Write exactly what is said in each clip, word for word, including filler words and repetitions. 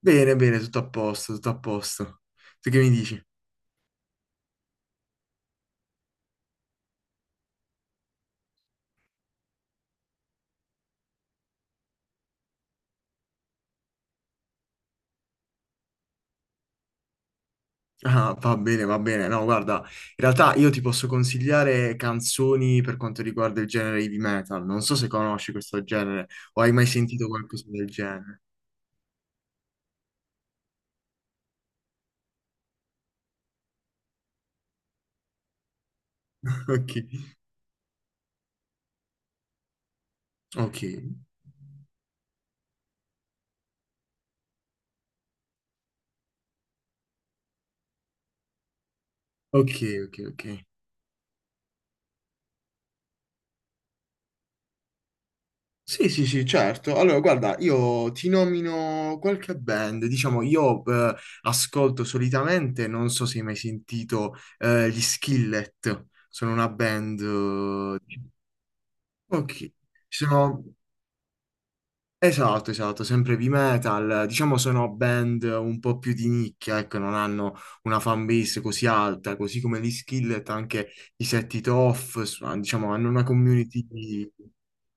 Bene, bene, tutto a posto, tutto a posto. Tu che mi dici? Ah, va bene, va bene. No, guarda, in realtà io ti posso consigliare canzoni per quanto riguarda il genere heavy metal. Non so se conosci questo genere o hai mai sentito qualcosa del genere. Ok, ok, ok, ok, ok. Sì, sì, sì, certo. Allora, guarda, io ti nomino qualche band. Diciamo, io eh, ascolto solitamente, non so se hai mai sentito eh, gli Skillet. Sono una band... eh, Ok, ci sono... Esatto, esatto, sempre heavy metal, diciamo sono band un po' più di nicchia, ecco, non hanno una fan base così alta, così come gli Skillet, anche i Set It Off, s- diciamo, hanno una community.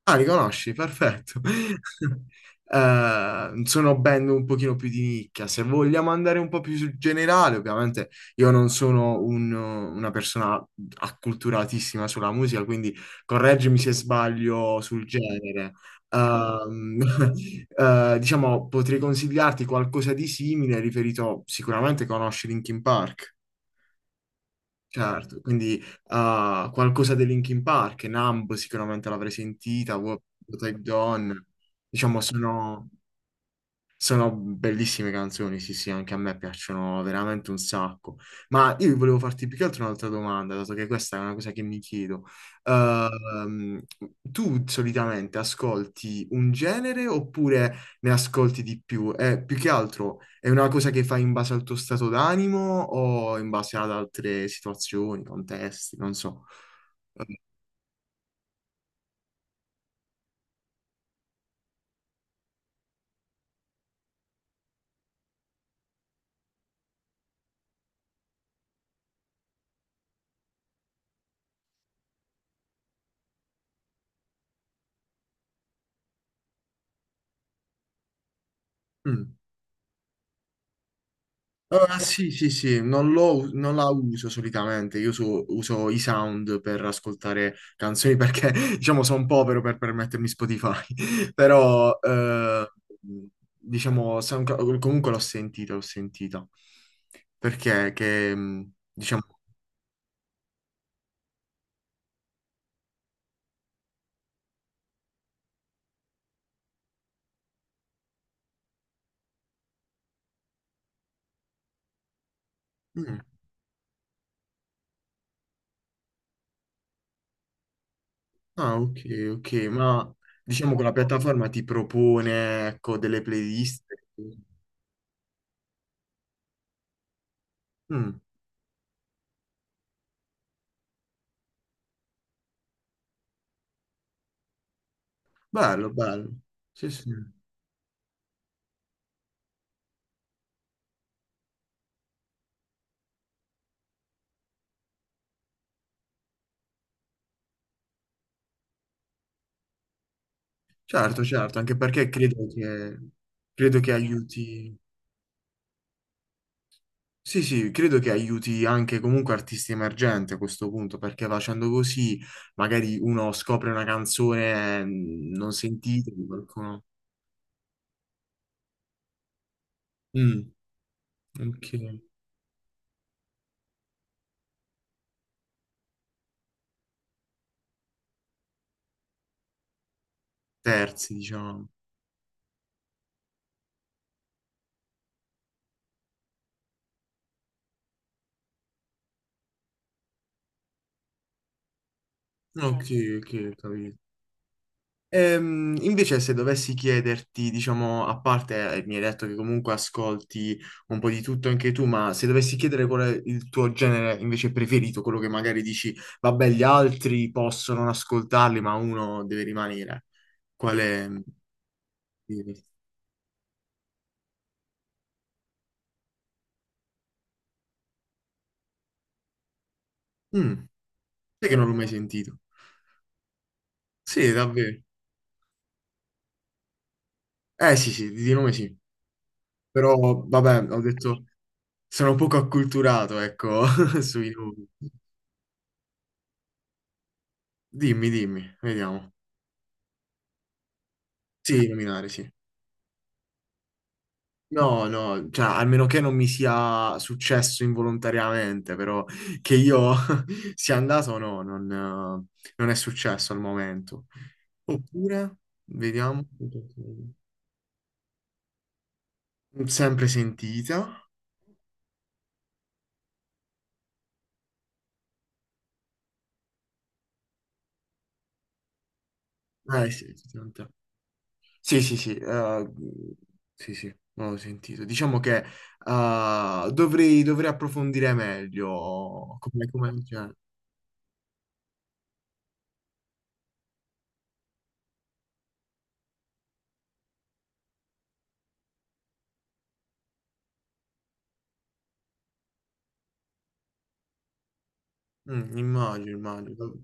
Ah, li conosci? Perfetto. Eh, sono band un pochino più di nicchia. Se vogliamo andare un po' più sul generale, ovviamente io non sono un- una persona acculturatissima sulla musica, quindi correggimi se sbaglio sul genere. Ehm, eh, diciamo, potrei consigliarti qualcosa di simile, riferito sicuramente conosci Linkin Park. Certo, quindi ah, qualcosa dei Linkin Park, Numb sicuramente l'avrei sentita, What What I've Done, diciamo sono... Sono bellissime canzoni, sì, sì, anche a me piacciono veramente un sacco. Ma io volevo farti più che altro un'altra domanda, dato che questa è una cosa che mi chiedo. Ehm, tu solitamente ascolti un genere oppure ne ascolti di più? Eh, più che altro è una cosa che fai in base al tuo stato d'animo o in base ad altre situazioni, contesti, non so. Mm. Ah, sì, sì, sì, non, lo- non la uso solitamente, io uso, uso i sound per ascoltare canzoni perché, diciamo, sono povero per permettermi Spotify, però, eh, diciamo, Soundcloud- comunque l'ho sentita, l'ho sentita, perché, che, mh, diciamo, mm, ah, ok, ok, ma, diciamo che la piattaforma ti propone, ecco, delle playlist. Mm, bello, bello, sì, sì. Certo, certo, anche perché credo che, credo che aiuti, sì, sì, credo che aiuti anche comunque artisti emergenti a questo punto, perché facendo così magari uno scopre una canzone mm, non sentita di qualcuno. Mm, ok, terzi, diciamo. Ok, ok, ho capito. Ehm, invece, se dovessi chiederti, diciamo, a parte, eh, mi hai detto che comunque ascolti un po' di tutto anche tu, ma se dovessi chiedere qual è il tuo genere invece preferito, quello che magari dici, vabbè, gli altri possono non ascoltarli, ma uno deve rimanere. Qual è? Mm, sai che non l'ho mai sentito. Sì, davvero. Eh sì, sì, di nome sì. Però, vabbè, ho detto, sono poco acculturato, ecco, sui nomi. Dimmi, dimmi, vediamo. Sì, nominare, sì. No, no, cioè, a meno che non mi sia successo involontariamente, però che io sia andato, no, non, eh, non è successo al momento. Oppure, vediamo, mm, sempre sentita. Eh, sì, sì, senta. Sì, sì, sì, eh, sì, sì, non l'ho sentito. Diciamo che eh, dovrei, dovrei approfondire meglio come, come, cioè, mm, immagino, immagino.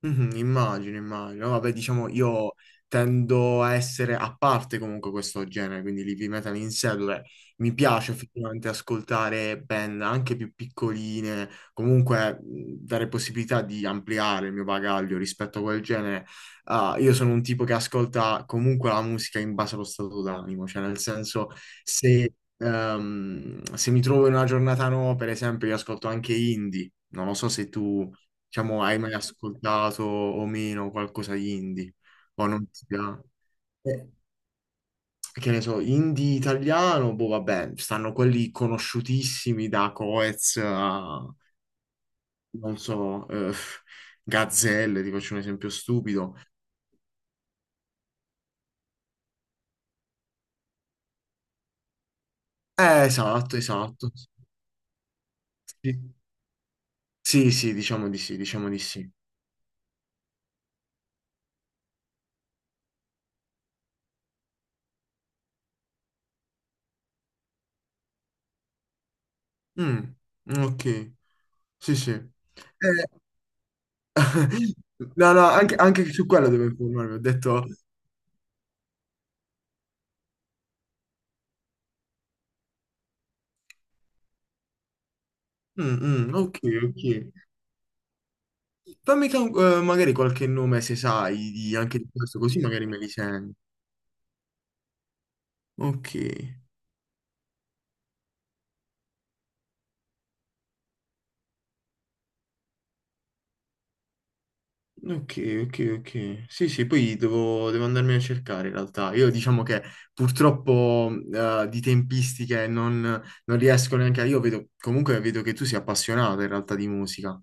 Mhm, immagino, immagino. Vabbè, diciamo, io tendo a essere a parte comunque questo genere, quindi l'heavy metal in sé, dove mi piace effettivamente ascoltare band anche più piccoline, comunque mh, dare possibilità di ampliare il mio bagaglio rispetto a quel genere. Ah, io sono un tipo che ascolta comunque la musica in base allo stato d'animo, cioè nel senso se, ehm, se mi trovo in una giornata no, per esempio, io ascolto anche indie, non lo so se tu diciamo, hai mai ascoltato o meno qualcosa di indie? O non ti piace? Eh, Che ne so, indie italiano, boh, vabbè, stanno quelli conosciutissimi da Coez a, non so, eh, Gazzelle, ti faccio un esempio stupido. Eh, esatto, esatto. Sì, sì, sì, diciamo di sì, diciamo di sì. Mm, ok, sì, sì. Eh, no, no, anche, anche su quello devo informarmi, ho detto, mm, mm, ok, ok. Fammi che- eh, magari qualche nome se sai di- anche di questo, così magari me li sento. Ok, ok, ok, ok. Sì, sì, poi devo, devo andarmene a cercare in realtà. Io diciamo che purtroppo eh, di tempistiche non, non riesco neanche a... Io vedo, comunque vedo che tu sei appassionato in realtà di musica,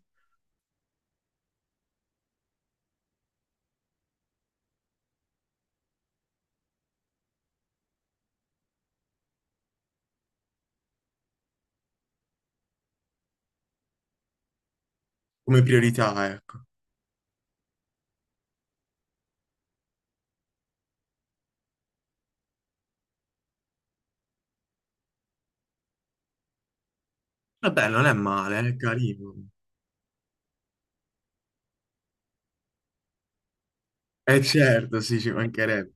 come priorità, ecco. Vabbè, non è male, è carino. Eh certo, sì, ci mancherebbe.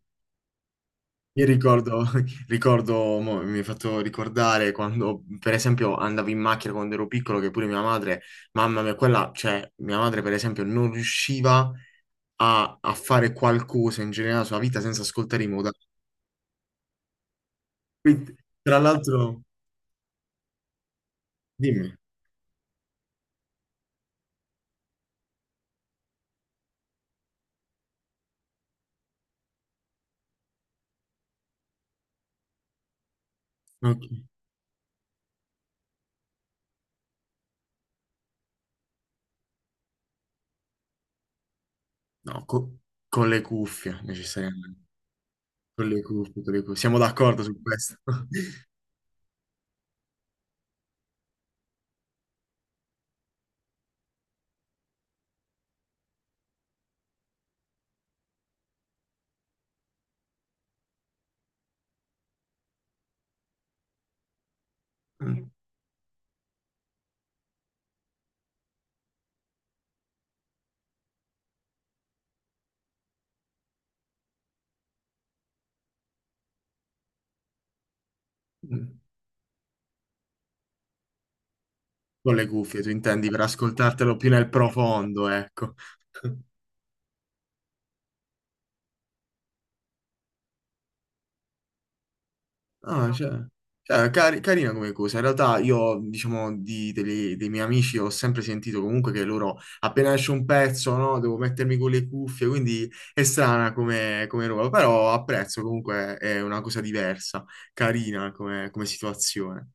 Io ricordo, ricordo, mo mi hai fatto ricordare quando, per esempio, andavo in macchina quando ero piccolo, che pure mia madre, mamma mia, quella, cioè, mia madre, per esempio, non riusciva a, a fare qualcosa in generale nella sua vita senza ascoltare i moda. Quindi, tra l'altro, dimmi, ok, no, co- con le cuffie, necessariamente, con le cuffie, con le cuffie. Siamo d'accordo su questo? Con le cuffie, tu intendi, per ascoltartelo più nel profondo, ecco. Ah, cioè, cioè, cari- carina come cosa. In realtà io, diciamo, di- degli- dei miei amici ho sempre sentito comunque che loro, appena esce un pezzo, no, devo mettermi con le cuffie, quindi è strana come, come roba, però apprezzo comunque, è una cosa diversa, carina come, come situazione.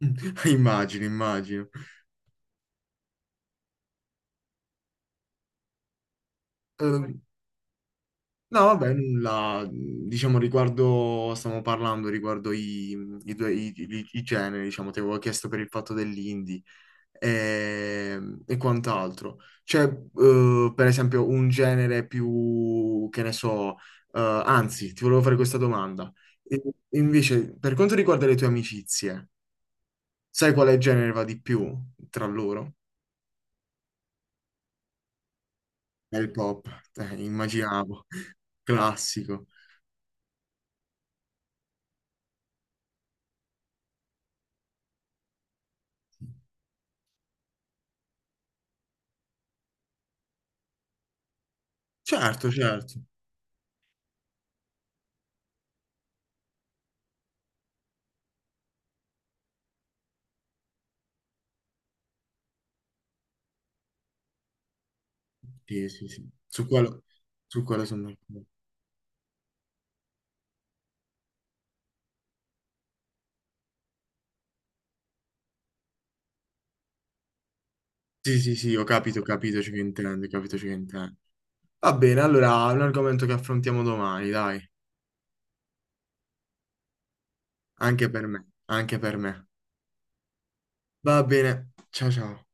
Immagino, immagino. Ehm, No, vabbè, nulla, diciamo, riguardo, stiamo parlando riguardo i, i due, i, i- i generi, diciamo, ti avevo chiesto per il fatto dell'indie. E, e quant'altro. C'è, eh, per esempio, un genere più, che ne so, eh, anzi, ti volevo fare questa domanda. E- invece, per quanto riguarda le tue amicizie, sai quale genere va di più tra loro? È il pop, eh, immaginavo, classico. Certo, certo. Sì, sì, sì. Su quello, su quello sono d'accordo. Sì, sì, sì, ho capito, ho capito ciò che intendi, ho capito ciò che intendi. Va bene, allora è un argomento che affrontiamo domani, dai. Anche per me, anche per me. Va bene, ciao ciao.